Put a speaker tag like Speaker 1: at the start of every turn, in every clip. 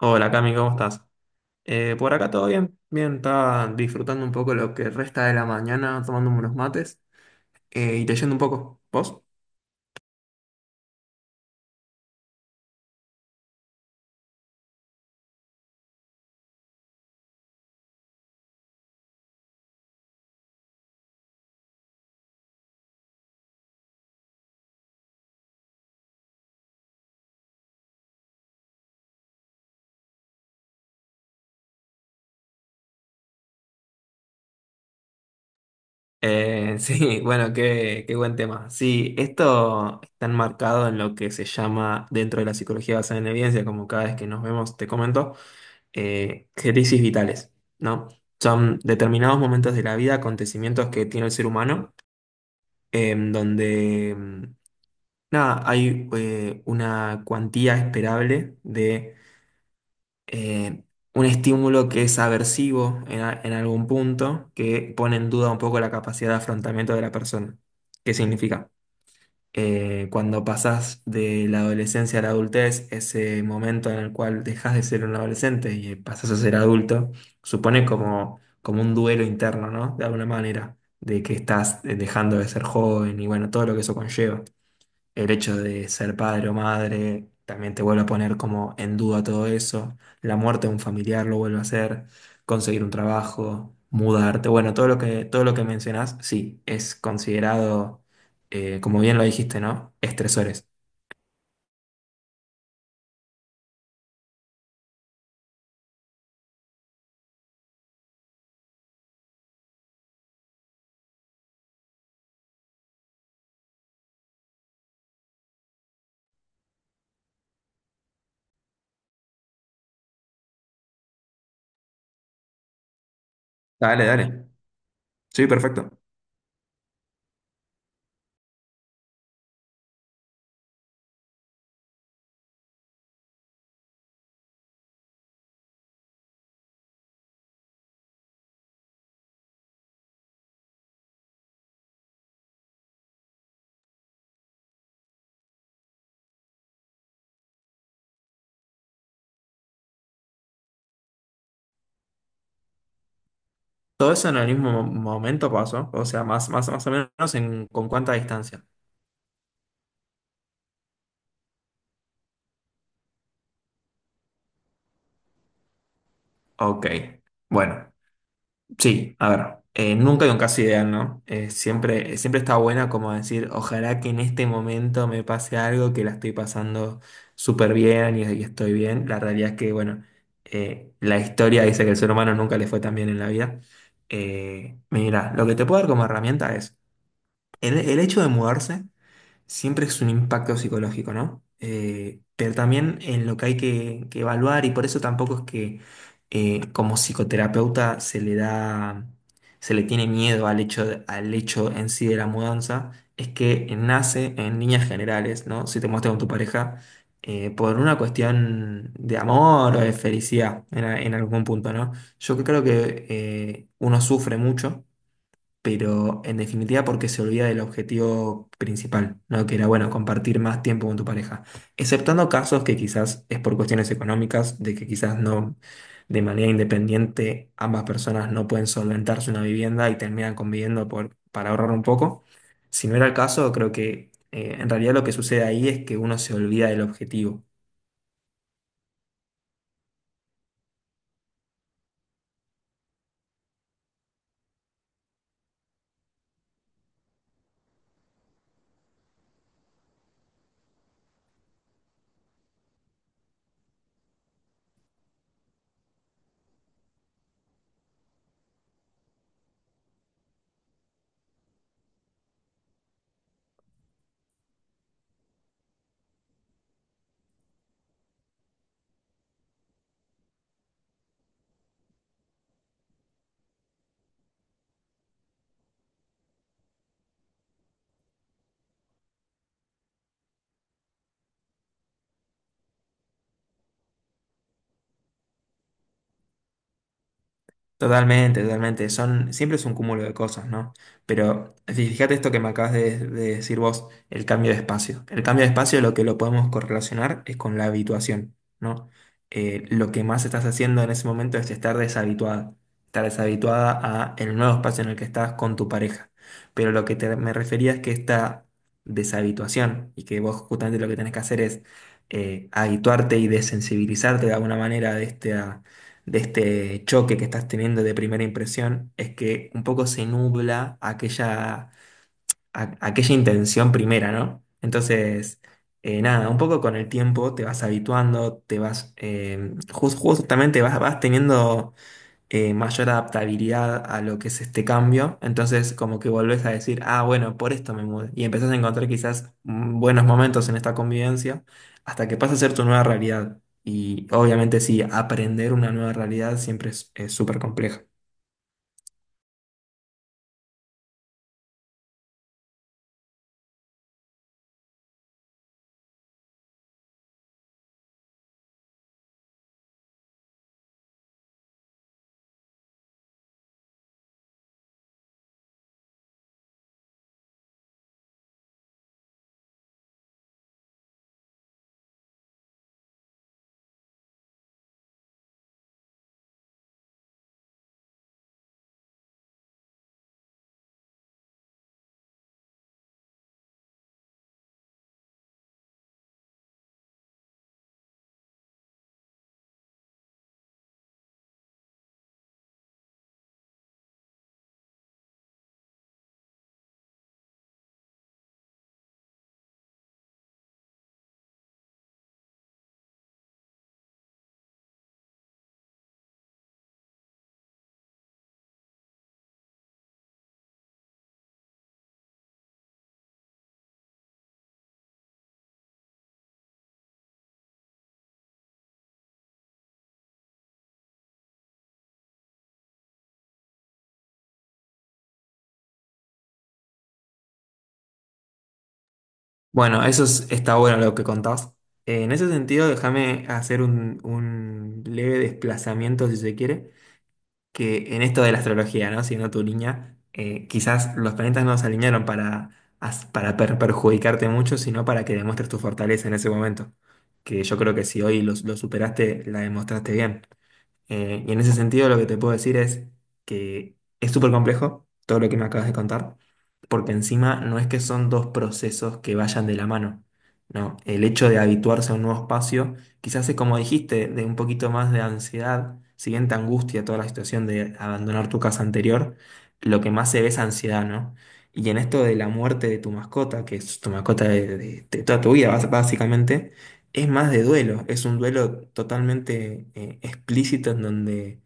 Speaker 1: Hola Cami, ¿cómo estás? Por acá todo bien, bien, estaba disfrutando un poco lo que resta de la mañana, tomándome unos mates y leyendo un poco. ¿Vos? Sí, bueno, qué buen tema. Sí, esto está enmarcado en lo que se llama dentro de la psicología basada en evidencia, como cada vez que nos vemos te comento, crisis vitales, ¿no? Son determinados momentos de la vida, acontecimientos que tiene el ser humano, en donde nada, hay una cuantía esperable de eh, un estímulo que es aversivo en algún punto, que pone en duda un poco la capacidad de afrontamiento de la persona. ¿Qué significa? Cuando pasas de la adolescencia a la adultez, ese momento en el cual dejas de ser un adolescente y pasas a ser adulto, supone como, como un duelo interno, ¿no? De alguna manera, de que estás dejando de ser joven y bueno, todo lo que eso conlleva. El hecho de ser padre o madre también te vuelve a poner como en duda todo eso. La muerte de un familiar lo vuelve a hacer. Conseguir un trabajo, mudarte. Bueno, todo lo que mencionás, sí, es considerado, como bien lo dijiste, ¿no? Estresores. Dale, dale. Sí, perfecto. Todo eso en el mismo momento pasó. O sea, más, más, más o menos en, con cuánta distancia. Ok. Bueno. Sí, a ver, nunca hay un caso ideal, ¿no? Siempre, siempre está buena como decir, ojalá que en este momento me pase algo, que la estoy pasando súper bien y estoy bien. La realidad es que, bueno, la historia dice que el ser humano nunca le fue tan bien en la vida. Mira, lo que te puedo dar como herramienta es el hecho de mudarse siempre es un impacto psicológico, ¿no? Pero también en lo que hay que evaluar y por eso tampoco es que como psicoterapeuta se le da, se le tiene miedo al hecho, al hecho en sí de la mudanza, es que nace en líneas generales, ¿no? Si te muestras con tu pareja, por una cuestión de amor o de felicidad en algún punto, ¿no? Yo creo que uno sufre mucho pero en definitiva porque se olvida del objetivo principal, ¿no? Que era, bueno, compartir más tiempo con tu pareja. Exceptando casos que quizás es por cuestiones económicas, de que quizás no, de manera independiente, ambas personas no pueden solventarse una vivienda y terminan conviviendo por, para ahorrar un poco. Si no era el caso, creo que en realidad lo que sucede ahí es que uno se olvida del objetivo. Totalmente, totalmente. Son, siempre es un cúmulo de cosas, ¿no? Pero fíjate esto que me acabas de decir vos, el cambio de espacio. El cambio de espacio lo que lo podemos correlacionar es con la habituación, ¿no? Lo que más estás haciendo en ese momento es estar deshabituada a el nuevo espacio en el que estás con tu pareja. Pero lo que me refería es que esta deshabituación y que vos justamente lo que tenés que hacer es habituarte y desensibilizarte de alguna manera de este choque que estás teniendo de primera impresión es que un poco se nubla aquella, aquella intención primera, ¿no? Entonces, nada, un poco con el tiempo te vas habituando, te vas, justamente vas, vas teniendo mayor adaptabilidad a lo que es este cambio. Entonces, como que volvés a decir, ah, bueno, por esto me mudé. Y empezás a encontrar quizás buenos momentos en esta convivencia hasta que pasa a ser tu nueva realidad. Y obviamente sí, aprender una nueva realidad siempre es súper complejo. Bueno, está bueno lo que contás. En ese sentido, déjame hacer un leve desplazamiento, si se quiere, que en esto de la astrología, ¿no? Siendo tu línea, quizás los planetas no se alinearon para, perjudicarte mucho, sino para que demuestres tu fortaleza en ese momento. Que yo creo que si hoy lo superaste, la demostraste bien. Y en ese sentido, lo que te puedo decir es que es súper complejo todo lo que me acabas de contar, porque encima no es que son dos procesos que vayan de la mano, ¿no? El hecho de habituarse a un nuevo espacio quizás es como dijiste, de un poquito más de ansiedad, si bien te angustia toda la situación de abandonar tu casa anterior, lo que más se ve es ansiedad, ¿no? Y en esto de la muerte de tu mascota, que es tu mascota de toda tu vida, básicamente, es más de duelo, es un duelo totalmente explícito en donde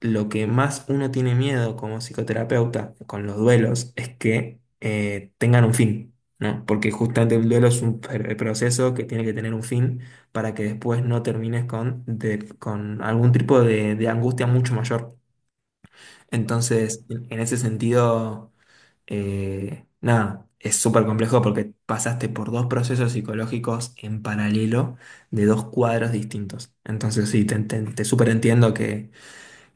Speaker 1: lo que más uno tiene miedo como psicoterapeuta con los duelos es que tengan un fin, ¿no? Porque justamente el duelo es un proceso que tiene que tener un fin para que después no termines con algún tipo de angustia mucho mayor. Entonces, en ese sentido, nada, es súper complejo porque pasaste por dos procesos psicológicos en paralelo de dos cuadros distintos. Entonces, sí, te súper entiendo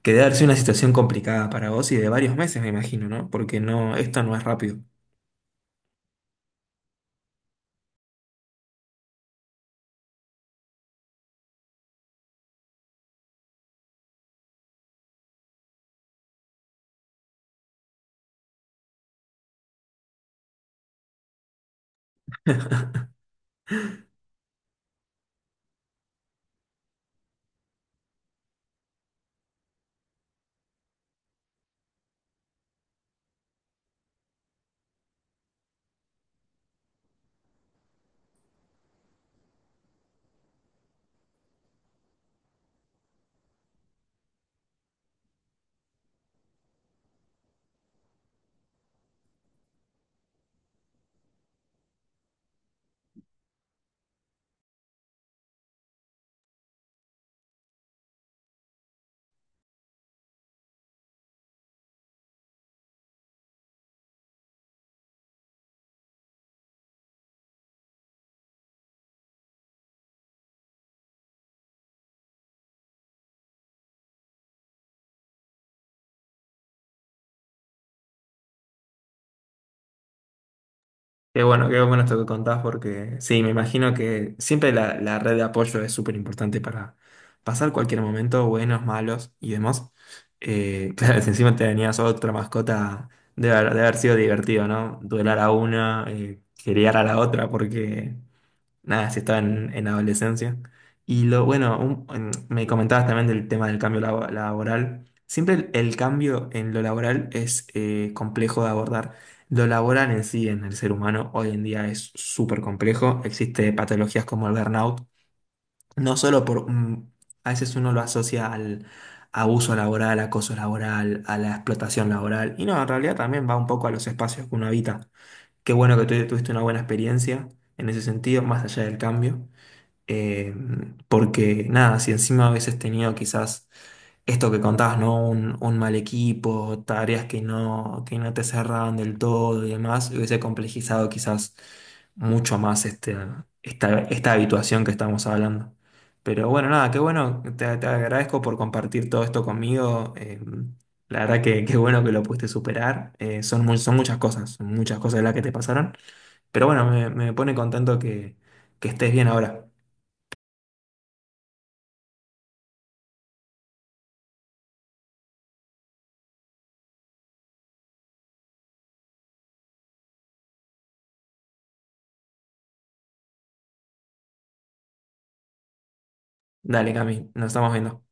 Speaker 1: que debe haber sido una situación complicada para vos y de varios meses, me imagino, ¿no? Porque no, esto no es rápido. Qué bueno esto que contás, porque sí, me imagino que siempre la red de apoyo es súper importante para pasar cualquier momento, buenos, malos y demás. Claro, si encima te tenías otra mascota, debe haber sido divertido, ¿no? Duelar a una, criar a la otra, porque nada, si estaba en adolescencia. Y lo bueno, me comentabas también del tema del cambio laboral. Siempre el cambio en lo laboral es complejo de abordar. Lo laboral en sí, en el ser humano, hoy en día es súper complejo. Existe patologías como el burnout, no solo por... a veces uno lo asocia al abuso laboral, acoso laboral, a la explotación laboral. Y no, en realidad también va un poco a los espacios que uno habita. Qué bueno que tú tuviste una buena experiencia en ese sentido, más allá del cambio. Eh, Porque nada, si encima hubieses tenido quizás esto que contabas, ¿no? Un mal equipo, tareas que no te cerraban del todo y demás, hubiese complejizado quizás mucho más este, esta habituación que estamos hablando. Pero bueno, nada, qué bueno, te agradezco por compartir todo esto conmigo. La verdad que qué bueno que lo pudiste superar. Son, son muchas cosas las que te pasaron. Pero bueno, me pone contento que estés bien ahora. Dale, Cami, nos estamos viendo.